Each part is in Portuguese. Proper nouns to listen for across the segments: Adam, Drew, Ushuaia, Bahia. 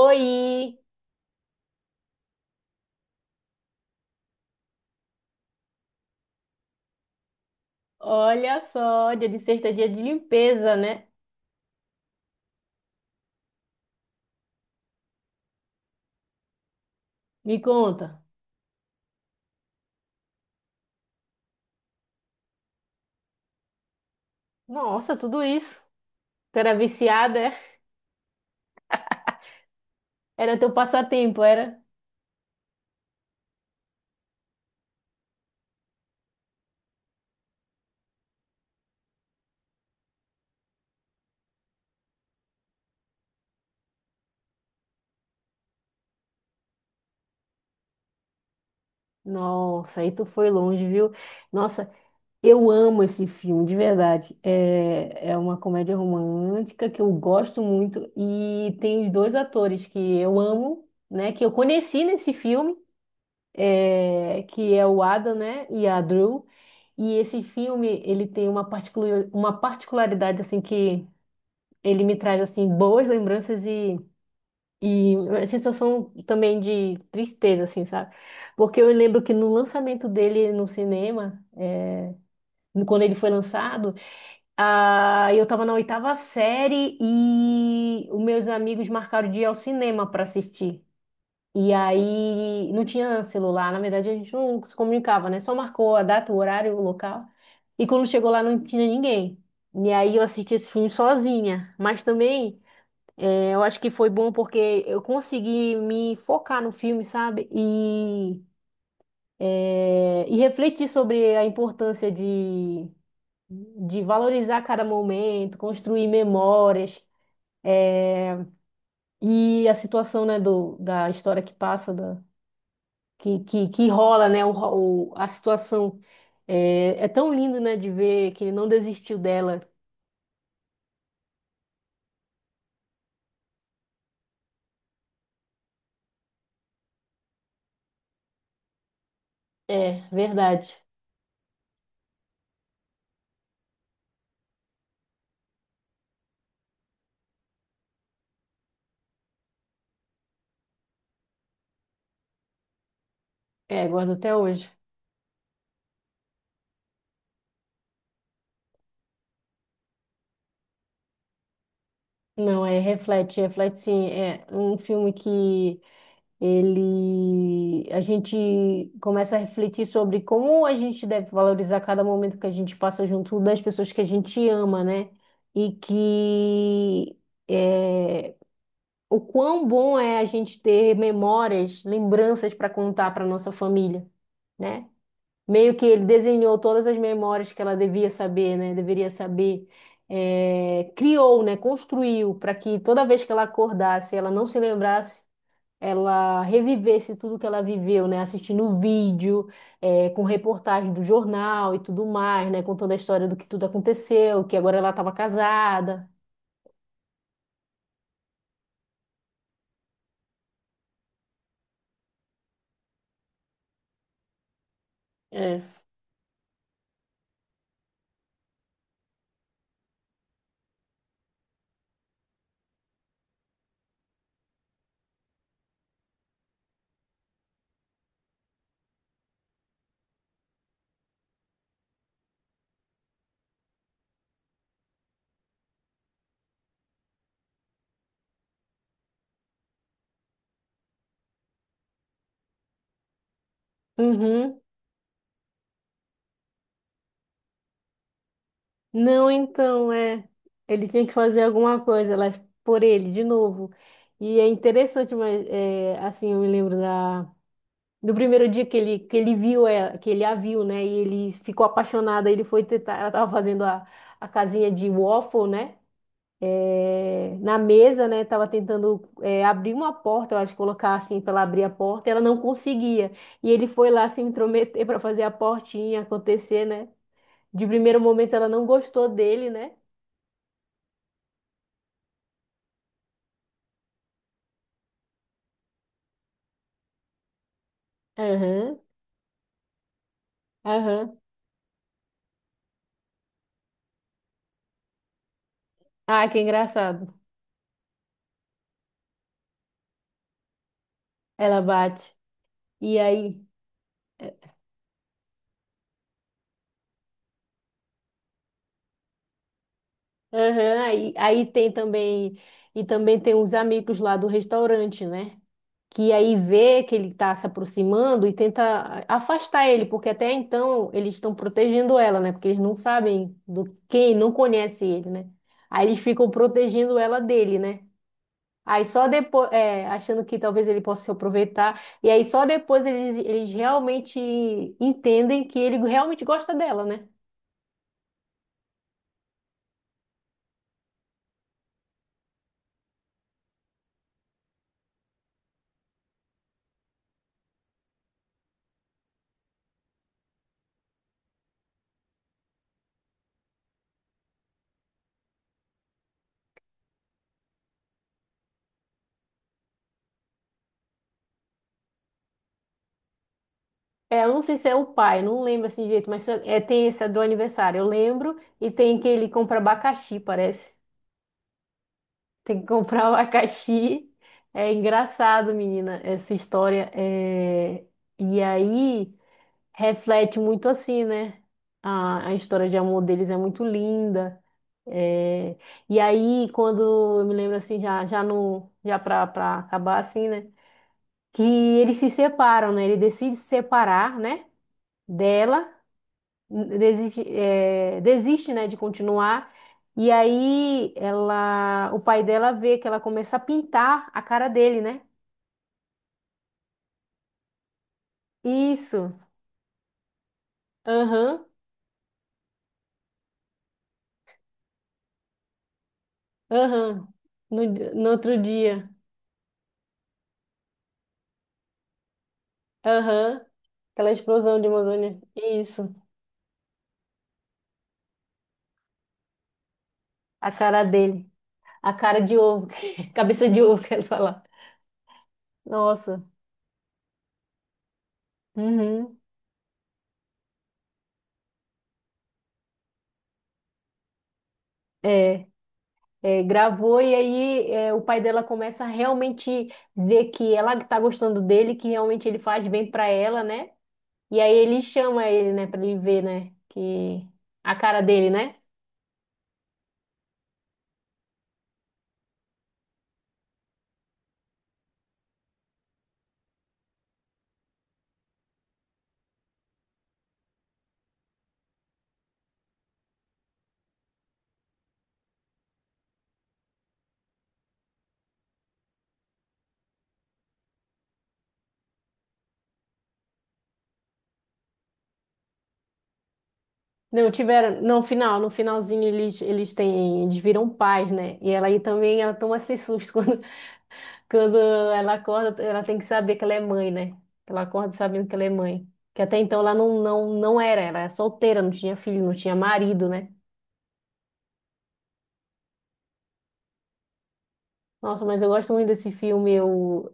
Oi, olha só, dia de sexta é dia de limpeza, né? Me conta. Nossa, tudo isso. Tu era viciada, é? Era teu passatempo, era? Nossa, aí tu foi longe, viu? Nossa, eu amo esse filme, de verdade. É uma comédia romântica que eu gosto muito e tem os dois atores que eu amo, né? Que eu conheci nesse filme, que é o Adam, né? E a Drew. E esse filme, ele tem uma particularidade, assim, que ele me traz, assim, boas lembranças e uma sensação também de tristeza, assim, sabe? Porque eu lembro que no lançamento dele no cinema, quando ele foi lançado, eu tava na oitava série e os meus amigos marcaram de ir ao cinema para assistir. E aí não tinha celular, na verdade a gente não se comunicava, né? Só marcou a data, o horário, o local. E quando chegou lá não tinha ninguém. E aí eu assisti esse filme sozinha. Mas também eu acho que foi bom porque eu consegui me focar no filme, sabe? E refletir sobre a importância de, valorizar cada momento, construir memórias e a situação, né, da história que passa, que rola, né? A situação. É tão lindo, né, de ver que ele não desistiu dela. É, verdade. É, guardo até hoje. Não, é reflete sim. É um filme que ele a gente começa a refletir sobre como a gente deve valorizar cada momento que a gente passa junto das pessoas que a gente ama, né? E que é, o quão bom é a gente ter memórias, lembranças para contar para nossa família, né? Meio que ele desenhou todas as memórias que ela devia saber, né? Deveria saber. É, criou, né? Construiu para que toda vez que ela acordasse, ela não se lembrasse, ela revivesse tudo que ela viveu, né? Assistindo vídeo, com reportagem do jornal e tudo mais, né? Contando a história do que tudo aconteceu, que agora ela estava casada. É. Uhum. Não, então, é. Ele tinha que fazer alguma coisa lá por ele, de novo. E é interessante, mas é, assim, eu me lembro do primeiro dia que ele a viu, né? E ele ficou apaixonado, aí ele foi tentar, ela tava fazendo a casinha de waffle, né? É, na mesa, né? Tava tentando abrir uma porta, eu acho, colocar assim para ela abrir a porta, e ela não conseguia. E ele foi lá se intrometer para fazer a portinha acontecer, né? De primeiro momento ela não gostou dele, né? Aham, aham. Ah, que engraçado. Ela bate. E aí? é, Aham, aí tem também, e também tem uns amigos lá do restaurante, né? Que aí vê que ele tá se aproximando e tenta afastar ele, porque até então eles estão protegendo ela, né? Porque eles não sabem do quem, não conhece ele, né? Aí eles ficam protegendo ela dele, né? Aí só depois, achando que talvez ele possa se aproveitar. E aí só depois eles realmente entendem que ele realmente gosta dela, né? É, eu não sei se é o pai, não lembro assim direito, mas tem esse do aniversário, eu lembro. E tem que ele compra abacaxi, parece. Tem que comprar o abacaxi. É engraçado, menina, essa história. É... E aí. Reflete muito assim, né? A história de amor deles é muito linda. É, e aí, quando eu me lembro assim, já, já no, já pra, pra acabar assim, né? Que eles se separam, né? Ele decide se separar, né? Dela, desiste, né? De continuar. E aí, ela, o pai dela vê que ela começa a pintar a cara dele, né? Isso. Aham, aham. No, no outro dia. Aham. Aquela explosão de Amazônia. Isso. A cara dele. A cara de ovo. Cabeça de ovo, quero falar. Nossa. Uhum. É, gravou e aí o pai dela começa a realmente ver que ela que tá gostando dele, que realmente ele faz bem pra ela, né? E aí ele chama ele, né, pra ele ver, né, que a cara dele, né? Não, tiveram, no final, no finalzinho eles têm, eles viram pais, né? E ela aí também, ela toma esse susto quando Quando ela acorda, ela tem que saber que ela é mãe, né? Ela acorda sabendo que ela é mãe. Que até então ela não era, ela era solteira, não tinha filho, não tinha marido, né? Nossa, mas eu gosto muito desse filme, eu...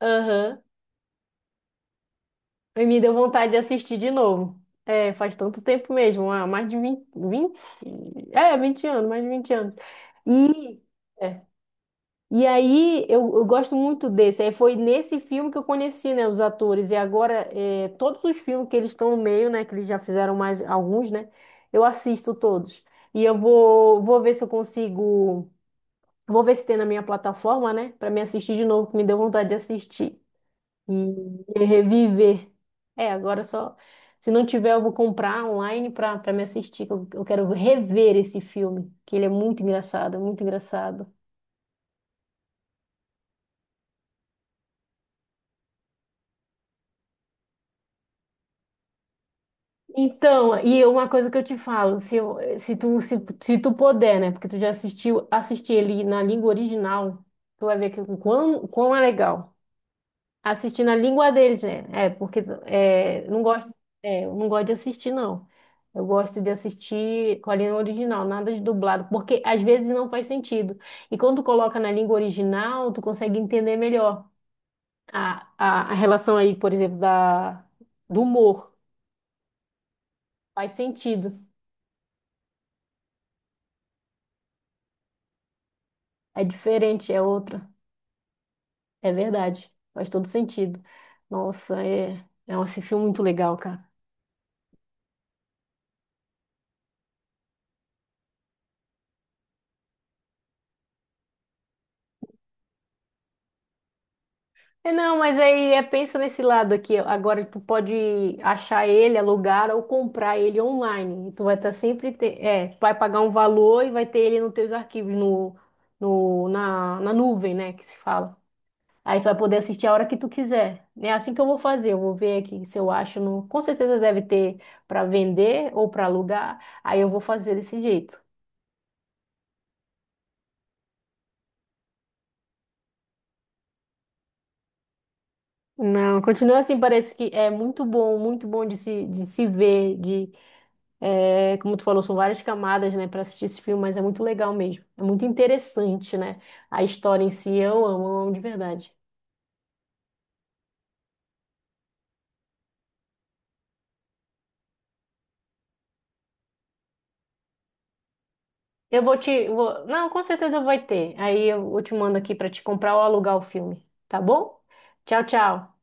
Aham. E me deu vontade de assistir de novo. É, faz tanto tempo mesmo, ah, mais de vinte. É, 20 anos, mais de 20 anos. E... é. E aí, eu gosto muito desse. Aí foi nesse filme que eu conheci, né, os atores. E agora, todos os filmes que eles estão no meio, né, que eles já fizeram mais alguns, né, eu assisto todos. E eu vou ver se eu consigo, vou ver se tem na minha plataforma, né, para me assistir de novo, que me deu vontade de assistir e, e reviver. É, agora só, se não tiver, eu vou comprar online para me assistir, que eu quero rever esse filme, que ele é muito engraçado, muito engraçado. Então, e uma coisa que eu te falo, se, eu- se tu, se tu puder, né? Porque tu já assistiu, assistir ele na língua original, tu vai ver que o quão é legal. Assistir na língua deles, né? É, porque não gosto, eu não gosto de assistir, não. Eu gosto de assistir com a língua original, nada de dublado, porque às vezes não faz sentido. E quando tu coloca na língua original, tu consegue entender melhor a relação aí, por exemplo, do humor. Faz sentido. É diferente, é outra. É verdade. Faz todo sentido. Nossa, é. Nossa, esse filme é muito legal, cara. É, não, mas aí é, pensa nesse lado aqui. Agora tu pode achar ele, alugar ou comprar ele online. E tu vai estar sempre. Te... É, tu vai pagar um valor e vai ter ele nos teus arquivos, no, no, na, na nuvem, né? Que se fala. Aí tu vai poder assistir a hora que tu quiser. É assim que eu vou fazer. Eu vou ver aqui se eu acho. No... Com certeza deve ter para vender ou para alugar. Aí eu vou fazer desse jeito. Não, continua assim, parece que é muito bom de se ver, como tu falou, são várias camadas, né, para assistir esse filme, mas é muito legal mesmo, é muito interessante, né, a história em si, eu amo de verdade. Eu vou te, vou- Não, com certeza vai ter, aí eu te mando aqui para te comprar ou alugar o filme, tá bom? Tchau, tchau.